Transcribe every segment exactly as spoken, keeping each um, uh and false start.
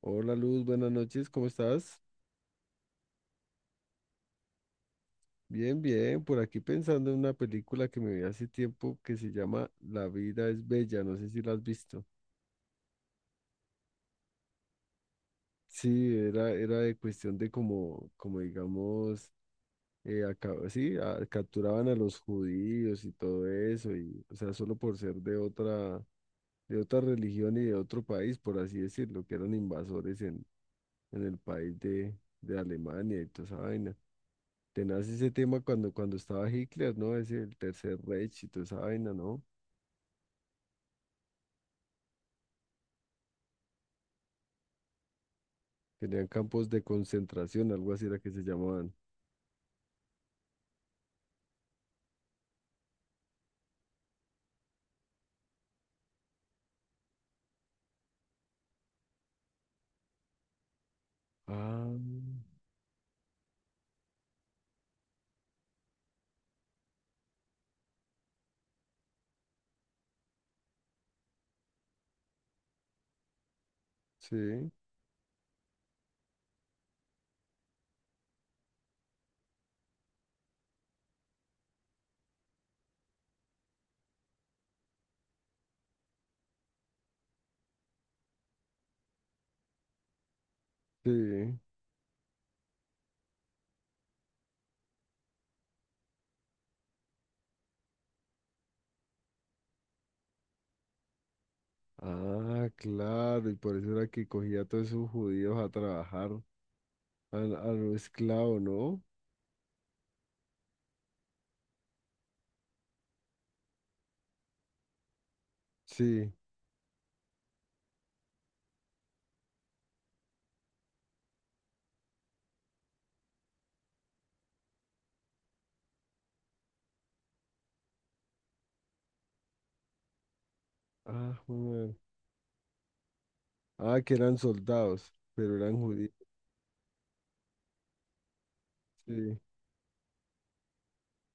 Hola Luz, buenas noches, ¿cómo estás? Bien, bien, por aquí pensando en una película que me vi hace tiempo que se llama La vida es bella, no sé si la has visto. Sí, era, era de cuestión de como, como digamos, eh, acá- sí, a- capturaban a los judíos y todo eso, y, o sea, solo por ser de otra, de otra religión y de otro país, por así decirlo, que eran invasores en, en el país de, de Alemania y toda esa vaina. Tenaz ese tema cuando, cuando estaba Hitler, ¿no? Ese, el Tercer Reich y toda esa vaina, ¿no? Tenían campos de concentración, algo así era que se llamaban. Ah, sí, sí. Ah, claro, y por eso era que cogía a todos esos judíos a trabajar, a, a los esclavos, ¿no? Sí. Ah, joder. Ah, que eran soldados, pero eran judíos. Sí.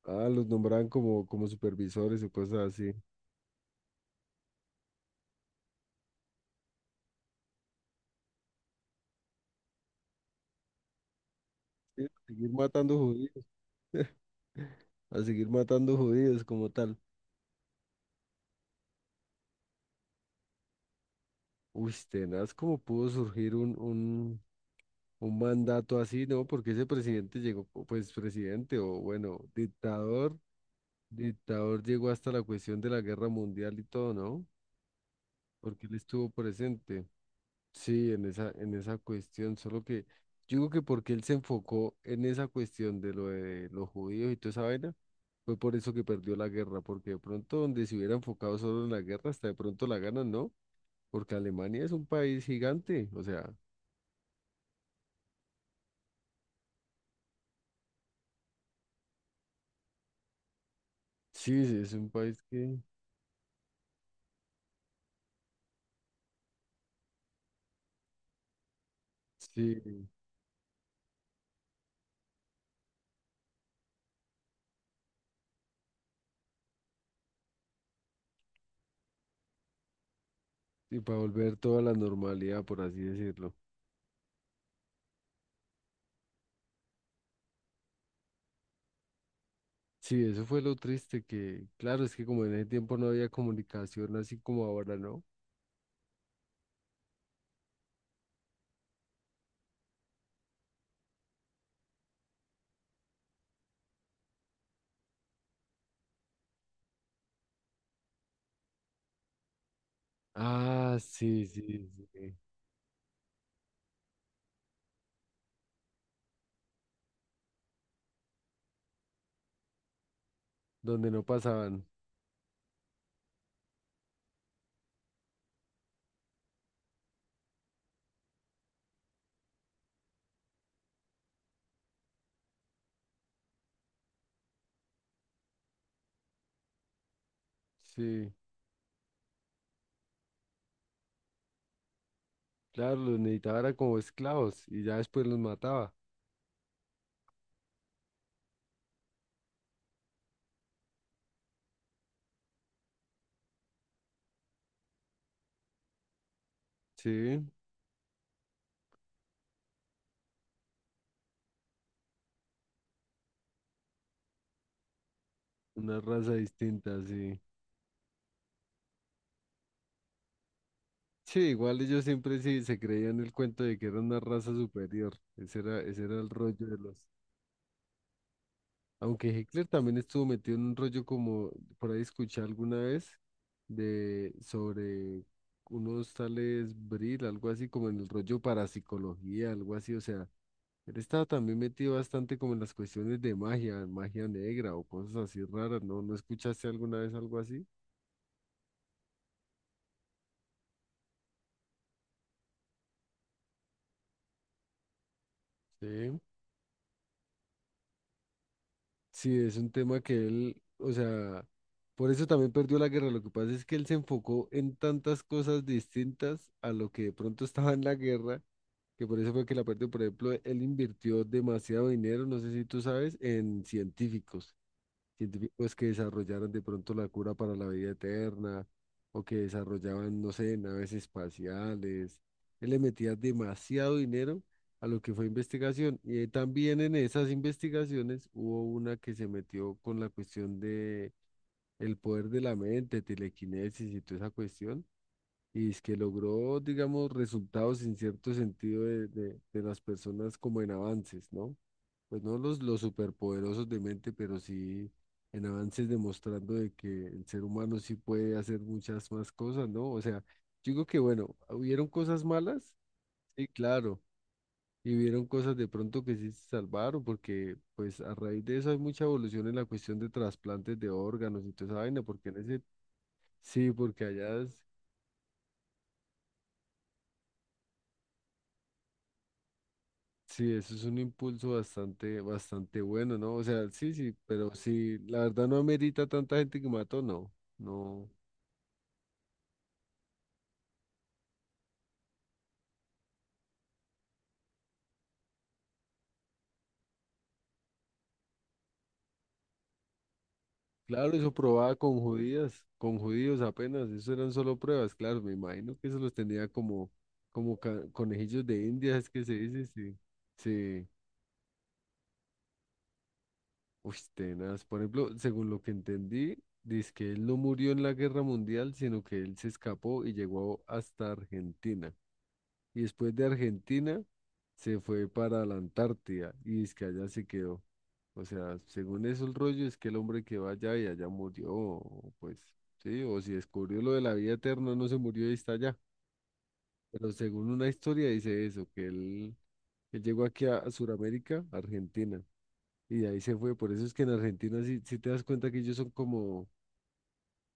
Ah, los nombraban como, como supervisores o cosas así. Sí, seguir matando judíos. A seguir matando judíos como tal. Uy, tenaz, ¿cómo pudo surgir un, un, un mandato así, no? Porque ese presidente llegó, o pues presidente o bueno, dictador, dictador llegó hasta la cuestión de la guerra mundial y todo, ¿no? Porque él estuvo presente. Sí, en esa, en esa cuestión, solo que yo digo que porque él se enfocó en esa cuestión de lo de los judíos y toda esa vaina, fue por eso que perdió la guerra, porque de pronto donde se hubiera enfocado solo en la guerra, hasta de pronto la ganan, ¿no? Porque Alemania es un país gigante, o sea, sí, sí, es un país que, sí, y para volver toda la normalidad, por así decirlo. Sí, eso fue lo triste que, claro, es que como en ese tiempo no había comunicación así como ahora, ¿no? Ah, sí, sí, sí, donde no pasaban, sí, claro, los necesitaba era como esclavos y ya después los mataba, sí, una raza distinta, sí. Sí, igual ellos siempre sí se creían el cuento de que era una raza superior. Ese era, ese era el rollo de los. Aunque Hitler también estuvo metido en un rollo como por ahí escuché alguna vez de sobre unos tales Brill, algo así como en el rollo parapsicología, algo así. O sea, él estaba también metido bastante como en las cuestiones de magia, magia negra o cosas así raras. ¿No, no escuchaste alguna vez algo así? Sí. Sí, es un tema que él, o sea, por eso también perdió la guerra. Lo que pasa es que él se enfocó en tantas cosas distintas a lo que de pronto estaba en la guerra, que por eso fue que la perdió. Por ejemplo, él invirtió demasiado dinero, no sé si tú sabes, en científicos científicos que desarrollaron de pronto la cura para la vida eterna o que desarrollaban, no sé, naves espaciales. Él le metía demasiado dinero a lo que fue investigación. Y eh, también en esas investigaciones hubo una que se metió con la cuestión de el poder de la mente, telequinesis y toda esa cuestión y es que logró, digamos, resultados en cierto sentido de, de- de las personas como en avances, ¿no? Pues no los, los superpoderosos de mente, pero sí en avances demostrando de que el ser humano sí puede hacer muchas más cosas, ¿no? O sea, yo digo que bueno, hubieron cosas malas, sí, claro, y hubieron cosas de pronto que sí se salvaron, porque pues a raíz de eso hay mucha evolución en la cuestión de trasplantes de órganos y toda esa vaina, porque en ese, sí, porque allá sí, eso es un impulso bastante, bastante bueno, ¿no? O sea, sí, sí, pero sí, la verdad no amerita tanta gente que mató, no, no. Claro, eso probaba con judías, con judíos apenas, eso eran solo pruebas, claro, me imagino que eso los tenía como, como ca- conejillos de India, es que se dice, sí, sí, uy, tenaz. Por ejemplo, según lo que entendí, dice que él no murió en la guerra mundial, sino que él se escapó y llegó hasta Argentina. Y después de Argentina se fue para la Antártida y es que allá se quedó. O sea, según eso el rollo es que el hombre que va allá y allá murió, o pues sí, o si descubrió lo de la vida eterna, no se murió y está allá. Pero según una historia dice eso, que él, él llegó aquí a, a Sudamérica, Argentina, y de ahí se fue. Por eso es que en Argentina sí, sí te das cuenta que ellos son como,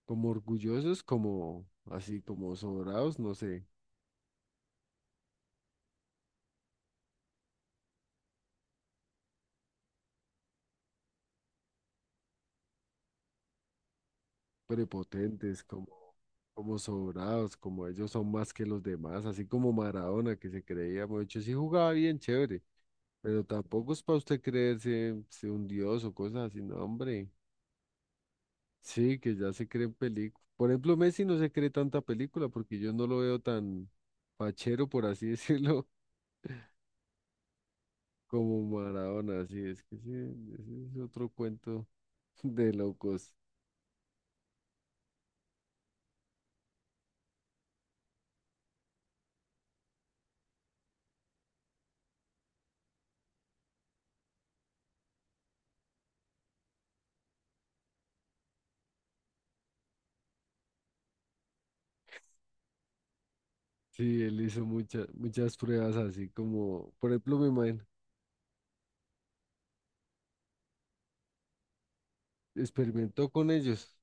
como orgullosos, como así, como sobrados, no sé. Prepotentes, como, como sobrados, como ellos son más que los demás, así como Maradona que se creía mucho, sí jugaba bien chévere, pero tampoco es para usted creerse se un dios o cosas así, no, hombre, sí, que ya se creen películas. Por ejemplo, Messi no se cree tanta película porque yo no lo veo tan fachero, por así decirlo, como Maradona, así es que sí, ese es otro cuento de locos. Sí, él hizo muchas muchas pruebas así como, por ejemplo, me imagino. Experimentó con ellos.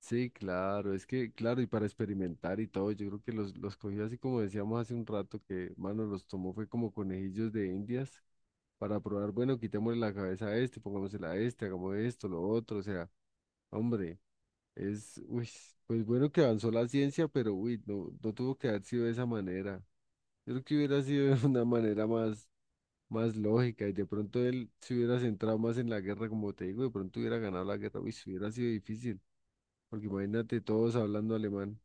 Sí, claro, es que, claro, y para experimentar y todo, yo creo que los, los cogió así como decíamos hace un rato, que, mano, los tomó fue como conejillos de indias para probar, bueno, quitémosle la cabeza a este, pongámosela a este, hagamos esto, lo otro, o sea, hombre, es, uy, pues bueno que avanzó la ciencia, pero, uy, no, no tuvo que haber sido de esa manera. Yo creo que hubiera sido de una manera más, más lógica y de pronto él se hubiera centrado más en la guerra, como te digo, de pronto hubiera ganado la guerra, uy, hubiera sido difícil. Porque imagínate todos hablando alemán.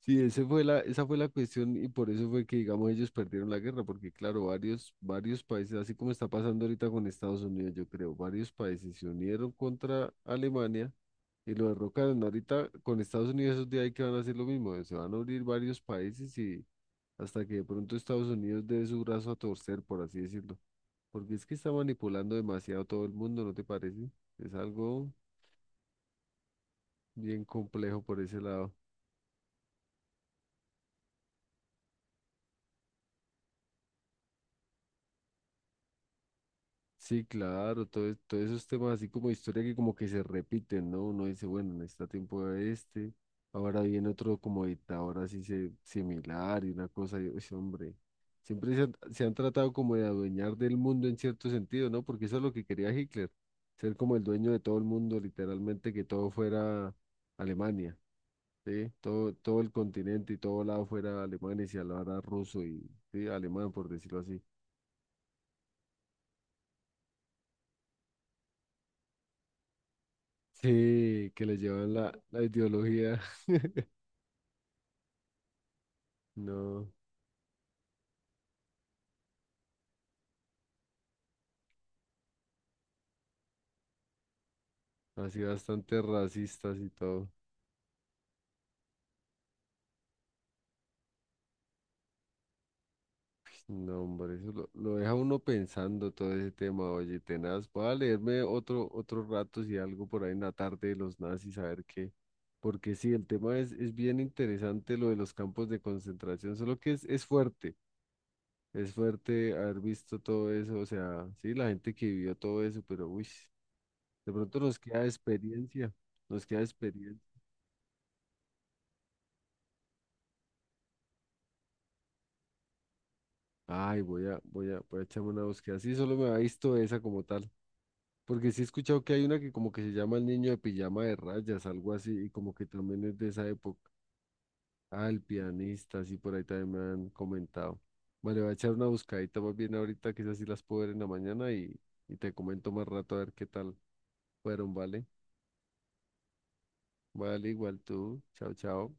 Sí, ese fue la, esa fue la cuestión y por eso fue que, digamos, ellos perdieron la guerra, porque claro, varios, varios países, así como está pasando ahorita con Estados Unidos, yo creo, varios países se unieron contra Alemania y lo derrocaron. Ahorita con Estados Unidos esos días hay que van a hacer lo mismo, se van a unir varios países y hasta que de pronto Estados Unidos dé su brazo a torcer, por así decirlo. Porque es que está manipulando demasiado todo el mundo, ¿no te parece? Es algo bien complejo por ese lado. Sí, claro, todo, es- todos esos temas así como historia que como que se repiten, ¿no? Uno dice, bueno, en este tiempo era este, ahora viene otro como dictador así se, similar y una cosa, y, uy, sí, hombre, siempre se han, se han tratado como de adueñar del mundo en cierto sentido, ¿no? Porque eso es lo que quería Hitler, ser como el dueño de todo el mundo, literalmente que todo fuera Alemania, ¿sí? Todo, todo el continente y todo lado fuera Alemania y se hablara ruso y, sí, alemán, por decirlo así. Sí, que le llevan la, la ideología. No, así bastante racistas y todo. No, hombre, eso lo, lo deja uno pensando todo ese tema, oye, tenaz. Voy a leerme otro, otro rato si algo por ahí en la tarde de los nazis, a ver qué. Porque sí, el tema es, es bien interesante lo de los campos de concentración, solo que es, es fuerte, es fuerte haber visto todo eso, o sea, sí, la gente que vivió todo eso, pero uy, de pronto nos queda experiencia, nos queda experiencia. Ay, voy a, voy a, voy a echarme una búsqueda. Sí, solo me ha visto esa como tal. Porque sí he escuchado que hay una que como que se llama El niño de pijama de rayas, algo así, y como que también es de esa época. Ah, el pianista, sí, por ahí también me han comentado. Vale, voy a echar una buscadita más bien ahorita, quizás sí las puedo ver en la mañana y, y te comento más rato a ver qué tal fueron, ¿vale? Vale, igual tú. Chao, chao.